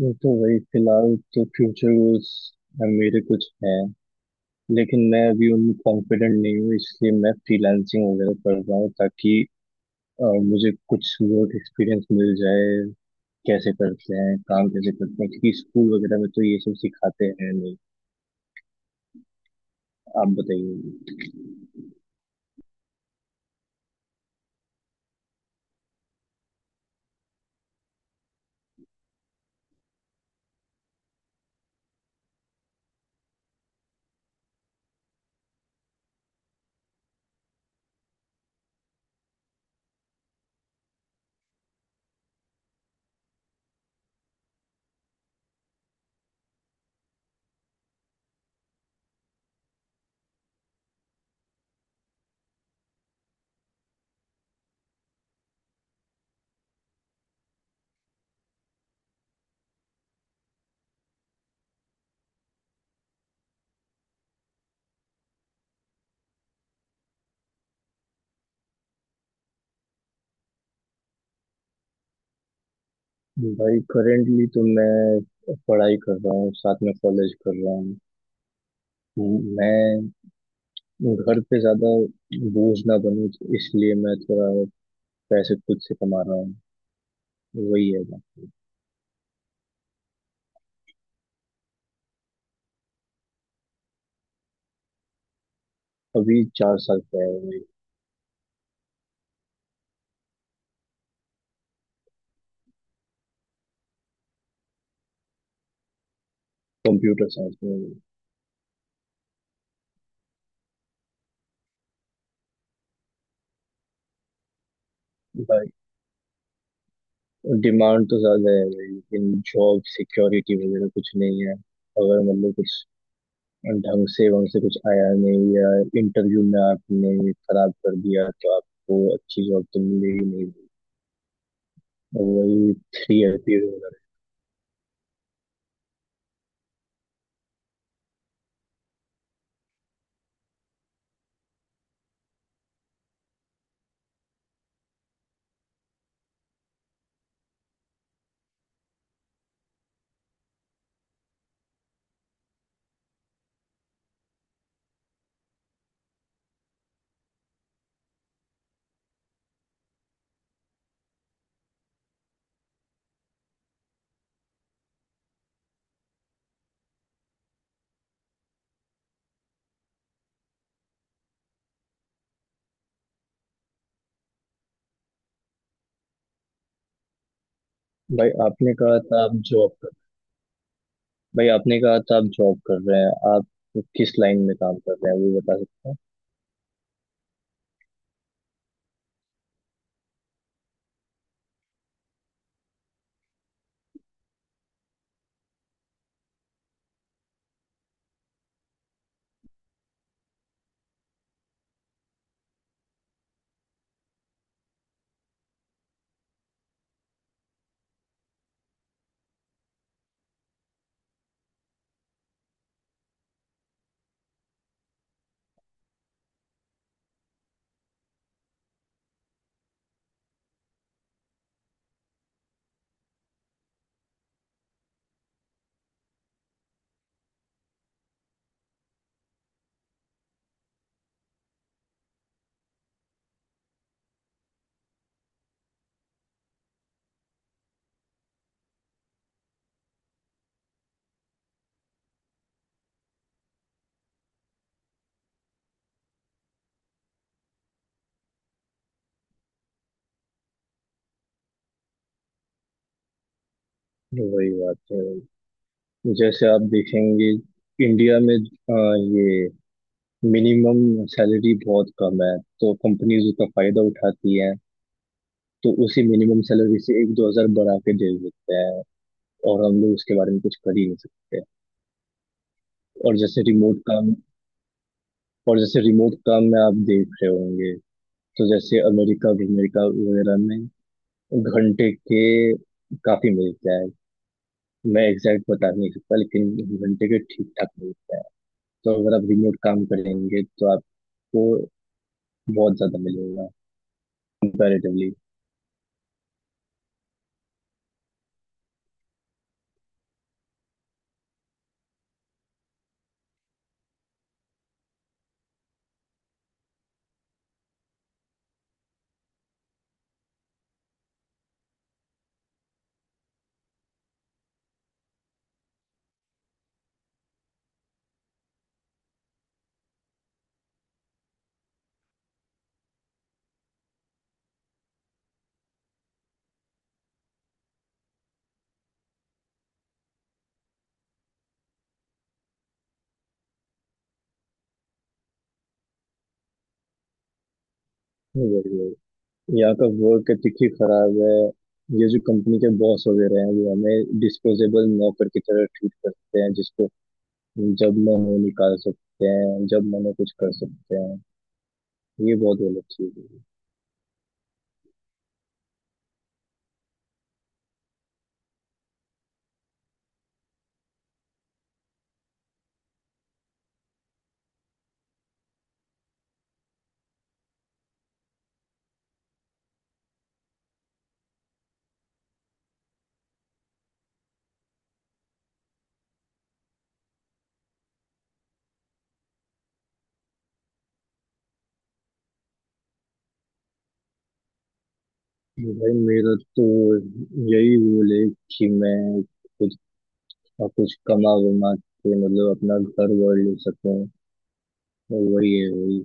मैं तो वही फिलहाल तो फ्यूचर गोल्स मेरे कुछ हैं। लेकिन मैं अभी उनमें कॉन्फिडेंट नहीं हूँ, इसलिए मैं फ्रीलांसिंग वगैरह कर रहा हूँ ताकि अ, मुझे कुछ वर्क एक्सपीरियंस मिल जाए। कैसे करते हैं काम, कैसे करते हैं, क्योंकि स्कूल वगैरह में तो ये सब सिखाते हैं नहीं। आप बताइए। भाई करेंटली तो मैं पढ़ाई कर रहा हूँ, साथ में कॉलेज कर रहा हूँ। मैं घर पे ज्यादा बोझ ना बनूं, इसलिए मैं थोड़ा पैसे खुद से कमा रहा हूँ। वही है ना। अभी चार साल का है वही। कंप्यूटर साइंस में। भाई डिमांड तो ज्यादा है भाई, लेकिन जॉब सिक्योरिटी वगैरह कुछ नहीं है। अगर मतलब कुछ ढंग से वहां से कुछ आया नहीं, या इंटरव्यू में आपने खराब कर दिया तो आपको अच्छी जॉब तो मिलेगी नहीं। वही थ्री ईयर पीरियड वगैरह। भाई आपने कहा था आप जॉब कर भाई आपने कहा था आप जॉब कर रहे हैं, आप किस लाइन में काम कर रहे हैं वो बता सकते हैं। वही बात है। जैसे आप देखेंगे, इंडिया में ये मिनिमम सैलरी बहुत कम है तो कंपनीज उसका फायदा उठाती हैं। तो उसी मिनिमम सैलरी से एक दो हजार बढ़ा के दे देते हैं, और हम लोग उसके बारे में कुछ कर ही नहीं सकते। और जैसे रिमोट काम और जैसे रिमोट काम में आप देख रहे होंगे, तो जैसे अमेरिका अमेरिका वगैरह में घंटे के काफी मिलता है। मैं एग्जैक्ट बता नहीं सकता, लेकिन घंटे के ठीक ठाक मिलता है। तो अगर आप रिमोट काम करेंगे तो आप बहुत ज्यादा मिलेगा कंपैरेटिवली। वही वही। यहाँ का वर्क एथिक ही खराब है। ये जो कंपनी के बॉस वगैरह हैं वो हमें डिस्पोजेबल नौकर की तरह ट्रीट करते हैं, जिसको जब मन हो निकाल सकते हैं, जब मन हो कुछ कर सकते हैं। ये बहुत गलत चीज है। तो भाई मेरा तो यही गोल है कि मैं कुछ कुछ कमा वमा के मतलब अपना घर वर ले सकूँ। वही है वही।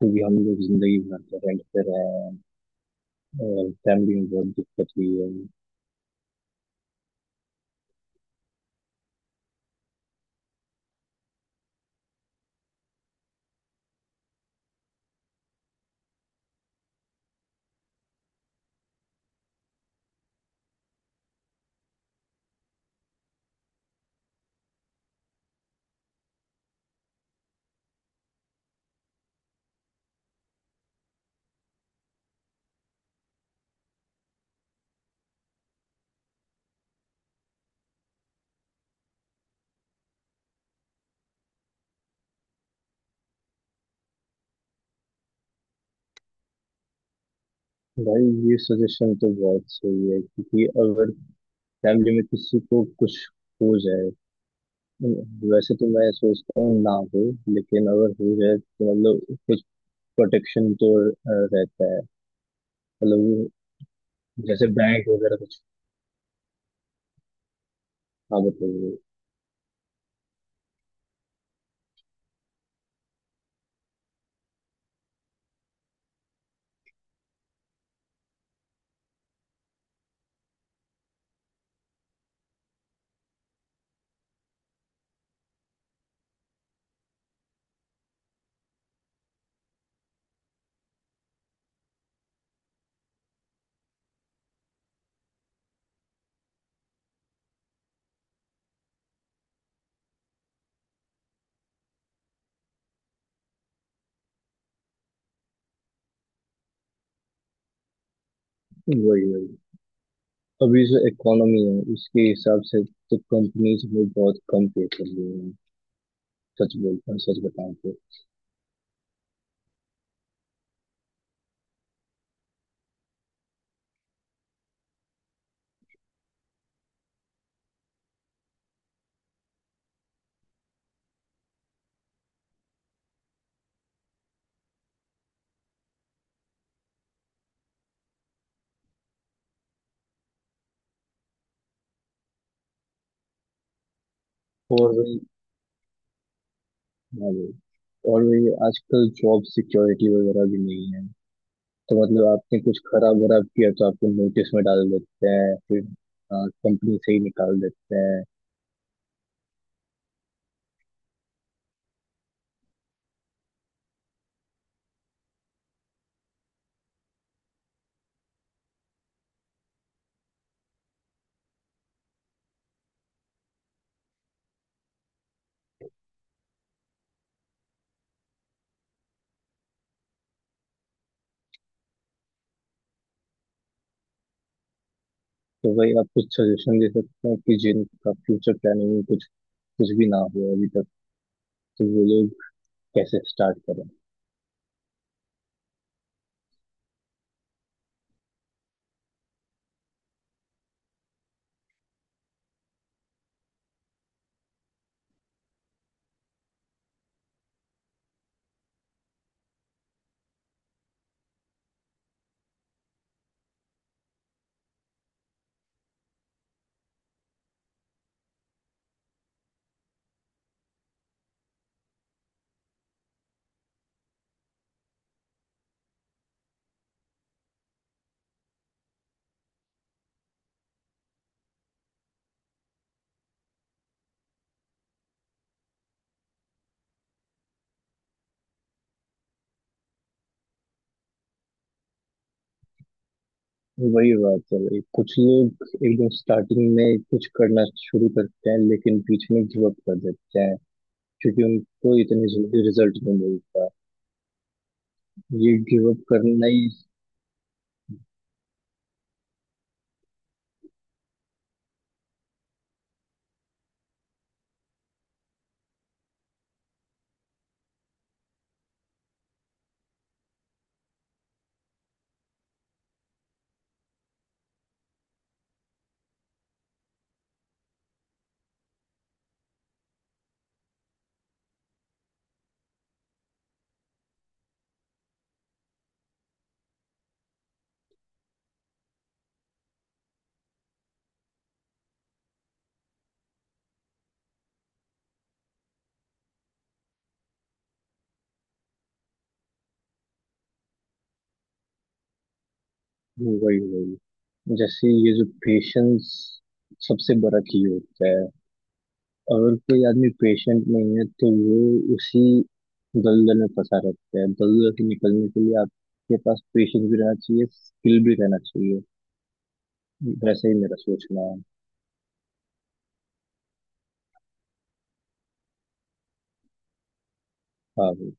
क्योंकि हम लोग जिंदगी भर रेंट पे रहे हैं और फैमिली में बहुत दिक्कत हुई है। भाई ये सजेशन तो बहुत सही है, क्योंकि अगर फैमिली में किसी को कुछ हो जाए, वैसे तो मैं सोचता हूँ ना हो, लेकिन अगर हो जाए तो मतलब कुछ प्रोटेक्शन तो रहता है। मतलब वो जैसे बैंक वगैरह कुछ। हाँ बताइए। वही वही। अभी जो इकोनॉमी है उसके हिसाब से तो कंपनीज में बहुत कम पे कर रही हैं, सच बोल, सच बताऊं तो। और वही, हाँ वही, और वही आजकल जॉब सिक्योरिटी वगैरह भी नहीं है। तो मतलब आपने कुछ खराब वराब किया तो आपको नोटिस में डाल देते हैं, फिर कंपनी से ही निकाल देते हैं। तो भाई आप कुछ सजेशन दे सकते हैं कि जिनका फ्यूचर प्लानिंग में कुछ कुछ भी ना हो अभी तक, तो वो लोग कैसे स्टार्ट करें। वही बात है भाई, कुछ लोग एकदम स्टार्टिंग में कुछ करना शुरू करते हैं लेकिन बीच में गिव अप कर देते हैं, क्योंकि उनको इतनी जल्दी रिजल्ट नहीं मिलता। ये गिव अप करना ही। वही वही। जैसे ये जो पेशेंस सबसे बड़ा की होता है, अगर कोई आदमी पेशेंट नहीं है तो वो उसी दलदल में फंसा रहता है। दलदल से निकलने के लिए आपके पास पेशेंस भी रहना चाहिए, स्किल भी रहना चाहिए। वैसे ही मेरा सोचना है। हाँ।